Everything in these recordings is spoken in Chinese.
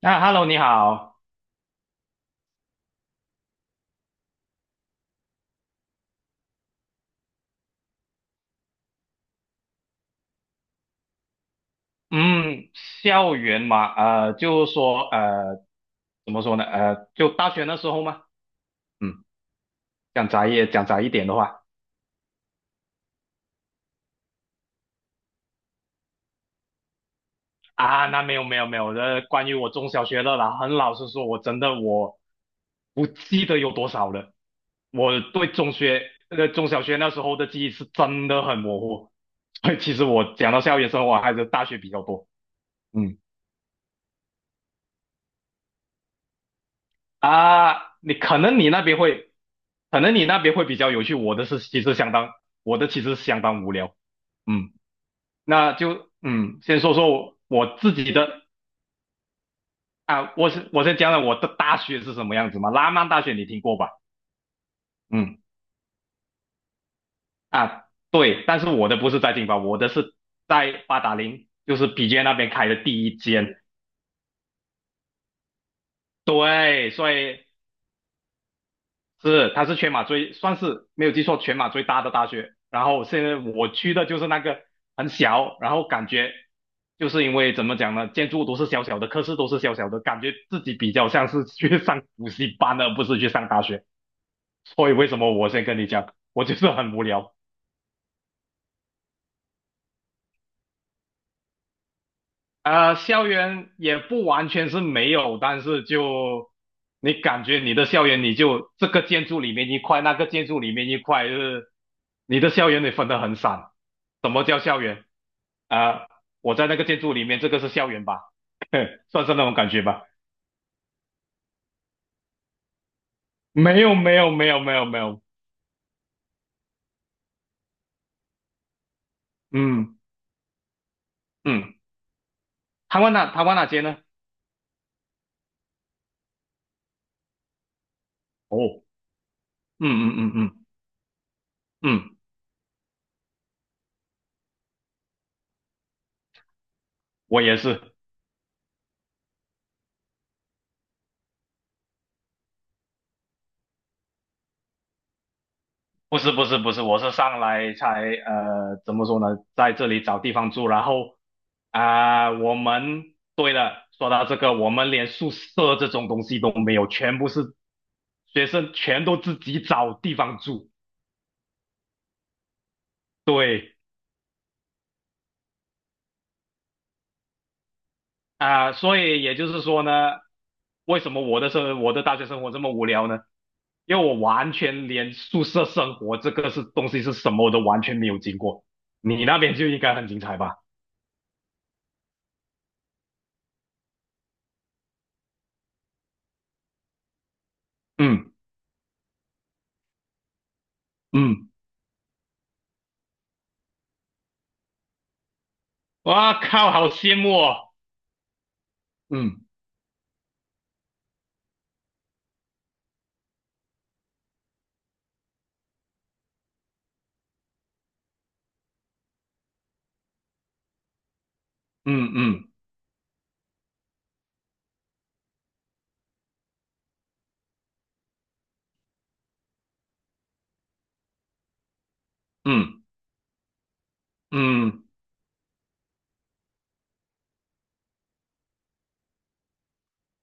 啊，Hello，你好。嗯，校园嘛，就是说，怎么说呢？就大学那时候嘛。嗯。讲窄一点的话，啊，那没有没有没有，关于我中小学的啦。很老实说，我真的我不记得有多少了。我对中小学那时候的记忆是真的很模糊。所以其实我讲到校园生活还是大学比较多。嗯。啊，你可能你那边会，可能你那边会比较有趣，我的其实相当无聊。嗯。那就先说说我自己的。啊，我先讲讲我的大学是什么样子嘛。拉曼大学你听过吧？嗯。啊，对。但是我的不是在金巴，我的是在八达岭，就是比杰那边开的第一间。对，所以是，它是全马最，算是没有记错，全马最大的大学。然后现在我去的就是那个很小，然后感觉就是因为怎么讲呢，建筑都是小小的，科室都是小小的，感觉自己比较像是去上 补习班而不是去上大学。所以为什么我先跟你讲，我就是很无聊。校园也不完全是没有，但是就你感觉你的校园，你就这个建筑里面一块，那个建筑里面一块，就是你的校园得分得很散。什么叫校园？啊，我在那个建筑里面，这个是校园吧？算是那种感觉吧。没有，没有，没有，没有，没有。嗯嗯。台湾哪街呢？哦。嗯嗯嗯嗯嗯。我也是。不是不是不是，我是上来才怎么说呢，在这里找地方住，然后啊，对了，说到这个，我们连宿舍这种东西都没有，全部是学生全都自己找地方住。对，啊，所以也就是说呢，为什么我的大学生活这么无聊呢？因为我完全连宿舍生活这个是东西是什么我都完全没有经过，你那边就应该很精彩吧？嗯嗯。哇靠，好羡慕哦！嗯嗯嗯嗯嗯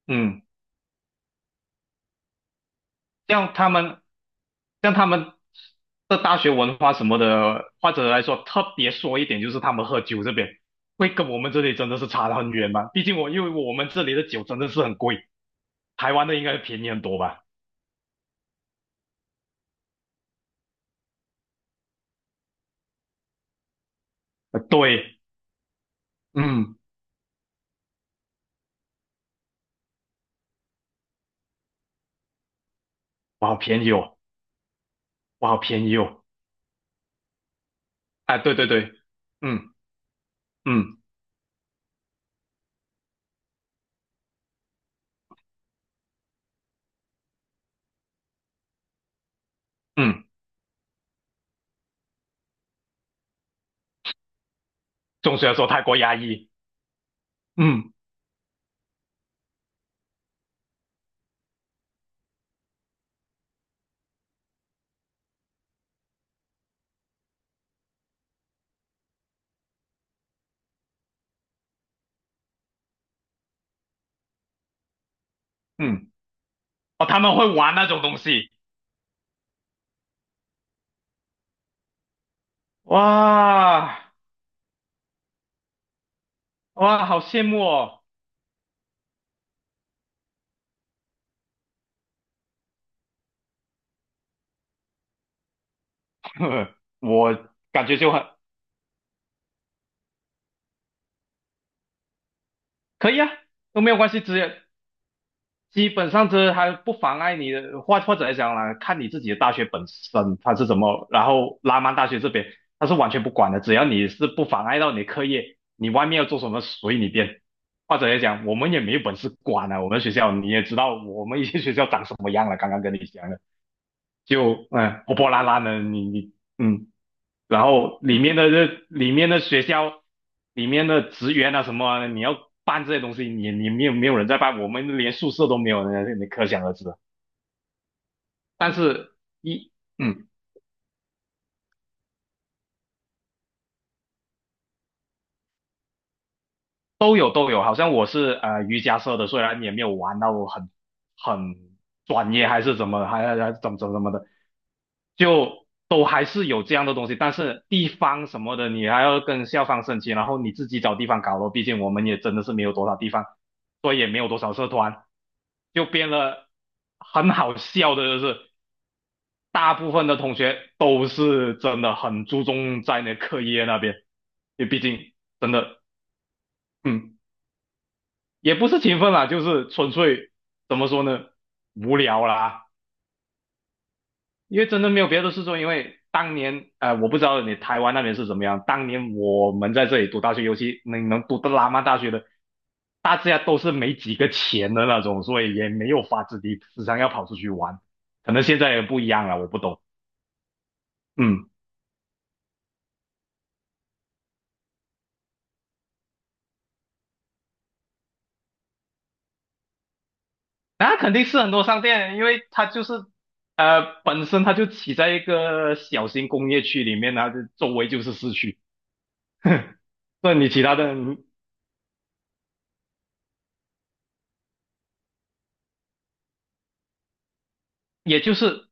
嗯。像他们，像他们的大学文化什么的，或者来说特别说一点，就是他们喝酒这边会跟我们这里真的是差得很远嘛。毕竟因为我们这里的酒真的是很贵，台湾的应该便宜很多吧？对。嗯。哇，好便宜哦。哇，好便宜哦。啊，对对对。嗯嗯嗯。总学的说候泰国压抑。嗯嗯。哦，他们会玩那种东西。哇哇，好羡慕哦！我感觉就很可以啊，都没有关系，只有基本上这还不妨碍你的，或者来讲啦，看你自己的大学本身它是怎么，然后拉曼大学这边它是完全不管的，只要你是不妨碍到你的课业，你外面要做什么随你便。或者来讲，我们也没有本事管啊，我们学校你也知道，我们一些学校长什么样了，刚刚跟你讲的。就破破烂烂的，你你嗯，然后里面的学校里面的职员啊什么啊你要办这些东西，你没有人在办，我们连宿舍都没有，你可想而知了。一嗯。都有都有，好像我是瑜伽社的，虽然也没有玩到很专业还是怎么，还怎么怎么怎么的，就都还是有这样的东西。但是地方什么的，你还要跟校方申请，然后你自己找地方搞咯。毕竟我们也真的是没有多少地方，所以也没有多少社团，就变了。很好笑的就是大部分的同学都是真的很注重在那课业那边，因为毕竟真的嗯也不是勤奋啦，就是纯粹怎么说呢，无聊啦。因为真的没有别的事做，因为当年我不知道你台湾那边是怎么样。当年我们在这里读大学，尤其能读到拉曼大学的，大家都是没几个钱的那种，所以也没有法子地时常要跑出去玩。可能现在也不一样了，我不懂。嗯。那肯定是很多商店，因为它就是本身它就起在一个小型工业区里面，然后就周围就是市区。那你其他的也就是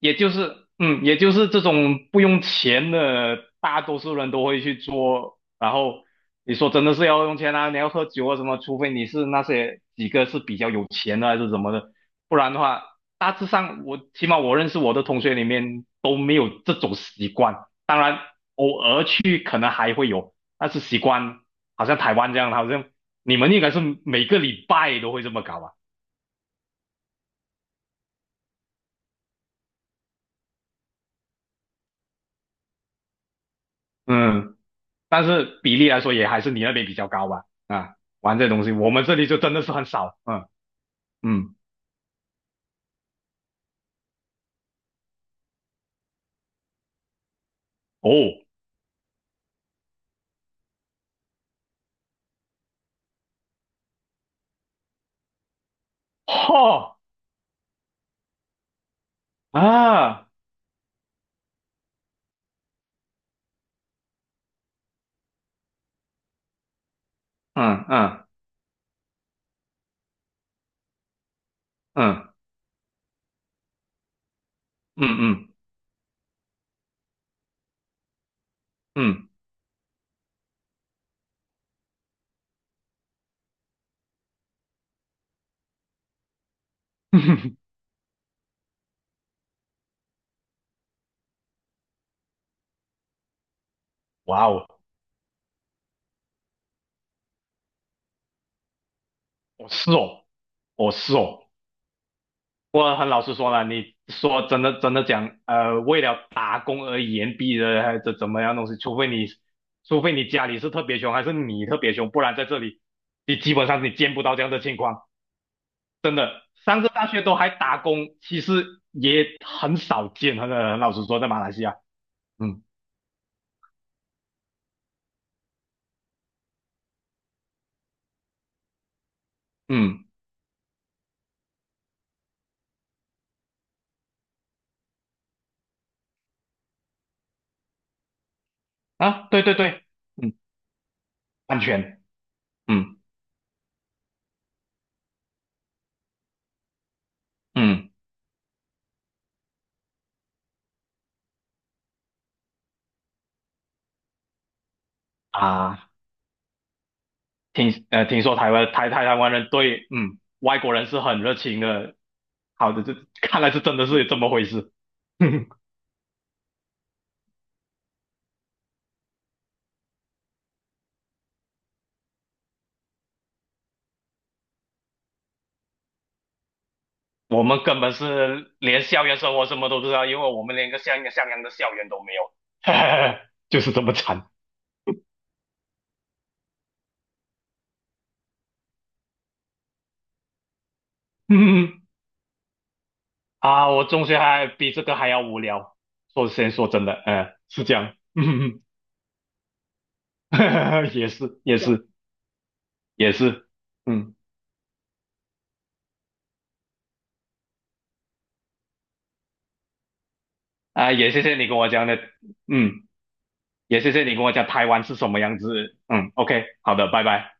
也就是这种不用钱的，大多数人都会去做。然后你说真的是要用钱啊，你要喝酒啊什么，除非你是那些几个是比较有钱的还是什么的，不然的话，大致上我起码我认识我的同学里面都没有这种习惯。当然，偶尔去可能还会有，但是习惯好像台湾这样，好像你们应该是每个礼拜都会这么搞吧？嗯。但是比例来说也还是你那边比较高吧？啊，玩这东西，我们这里就真的是很少。嗯嗯。哦。哈啊。嗯嗯嗯嗯嗯嗯。哇哦。哦是哦。哦是哦。我很老实说了，你说真的真的讲，为了打工而言毕的，还是怎么样东西，除非你家里是特别穷，还是你特别穷，不然在这里，你基本上你见不到这样的情况。三个大学都还打工，其实也很少见。很老实说，在马来西亚。嗯嗯。啊，对对对。嗯。安全。嗯嗯。啊，听说台湾人对外国人是很热情的。好的，这看来是真的是这么回事。我们根本是连校园生活什么都不知道，因为我们连个像一个像样的校园都没有，就是这么惨。啊，我中学还比这个还要无聊。先说真的，嗯，是这样，嗯，也是，也是，也是，嗯，啊，也谢谢你跟我讲的，嗯，也谢谢你跟我讲台湾是什么样子，嗯，OK，好的，拜拜。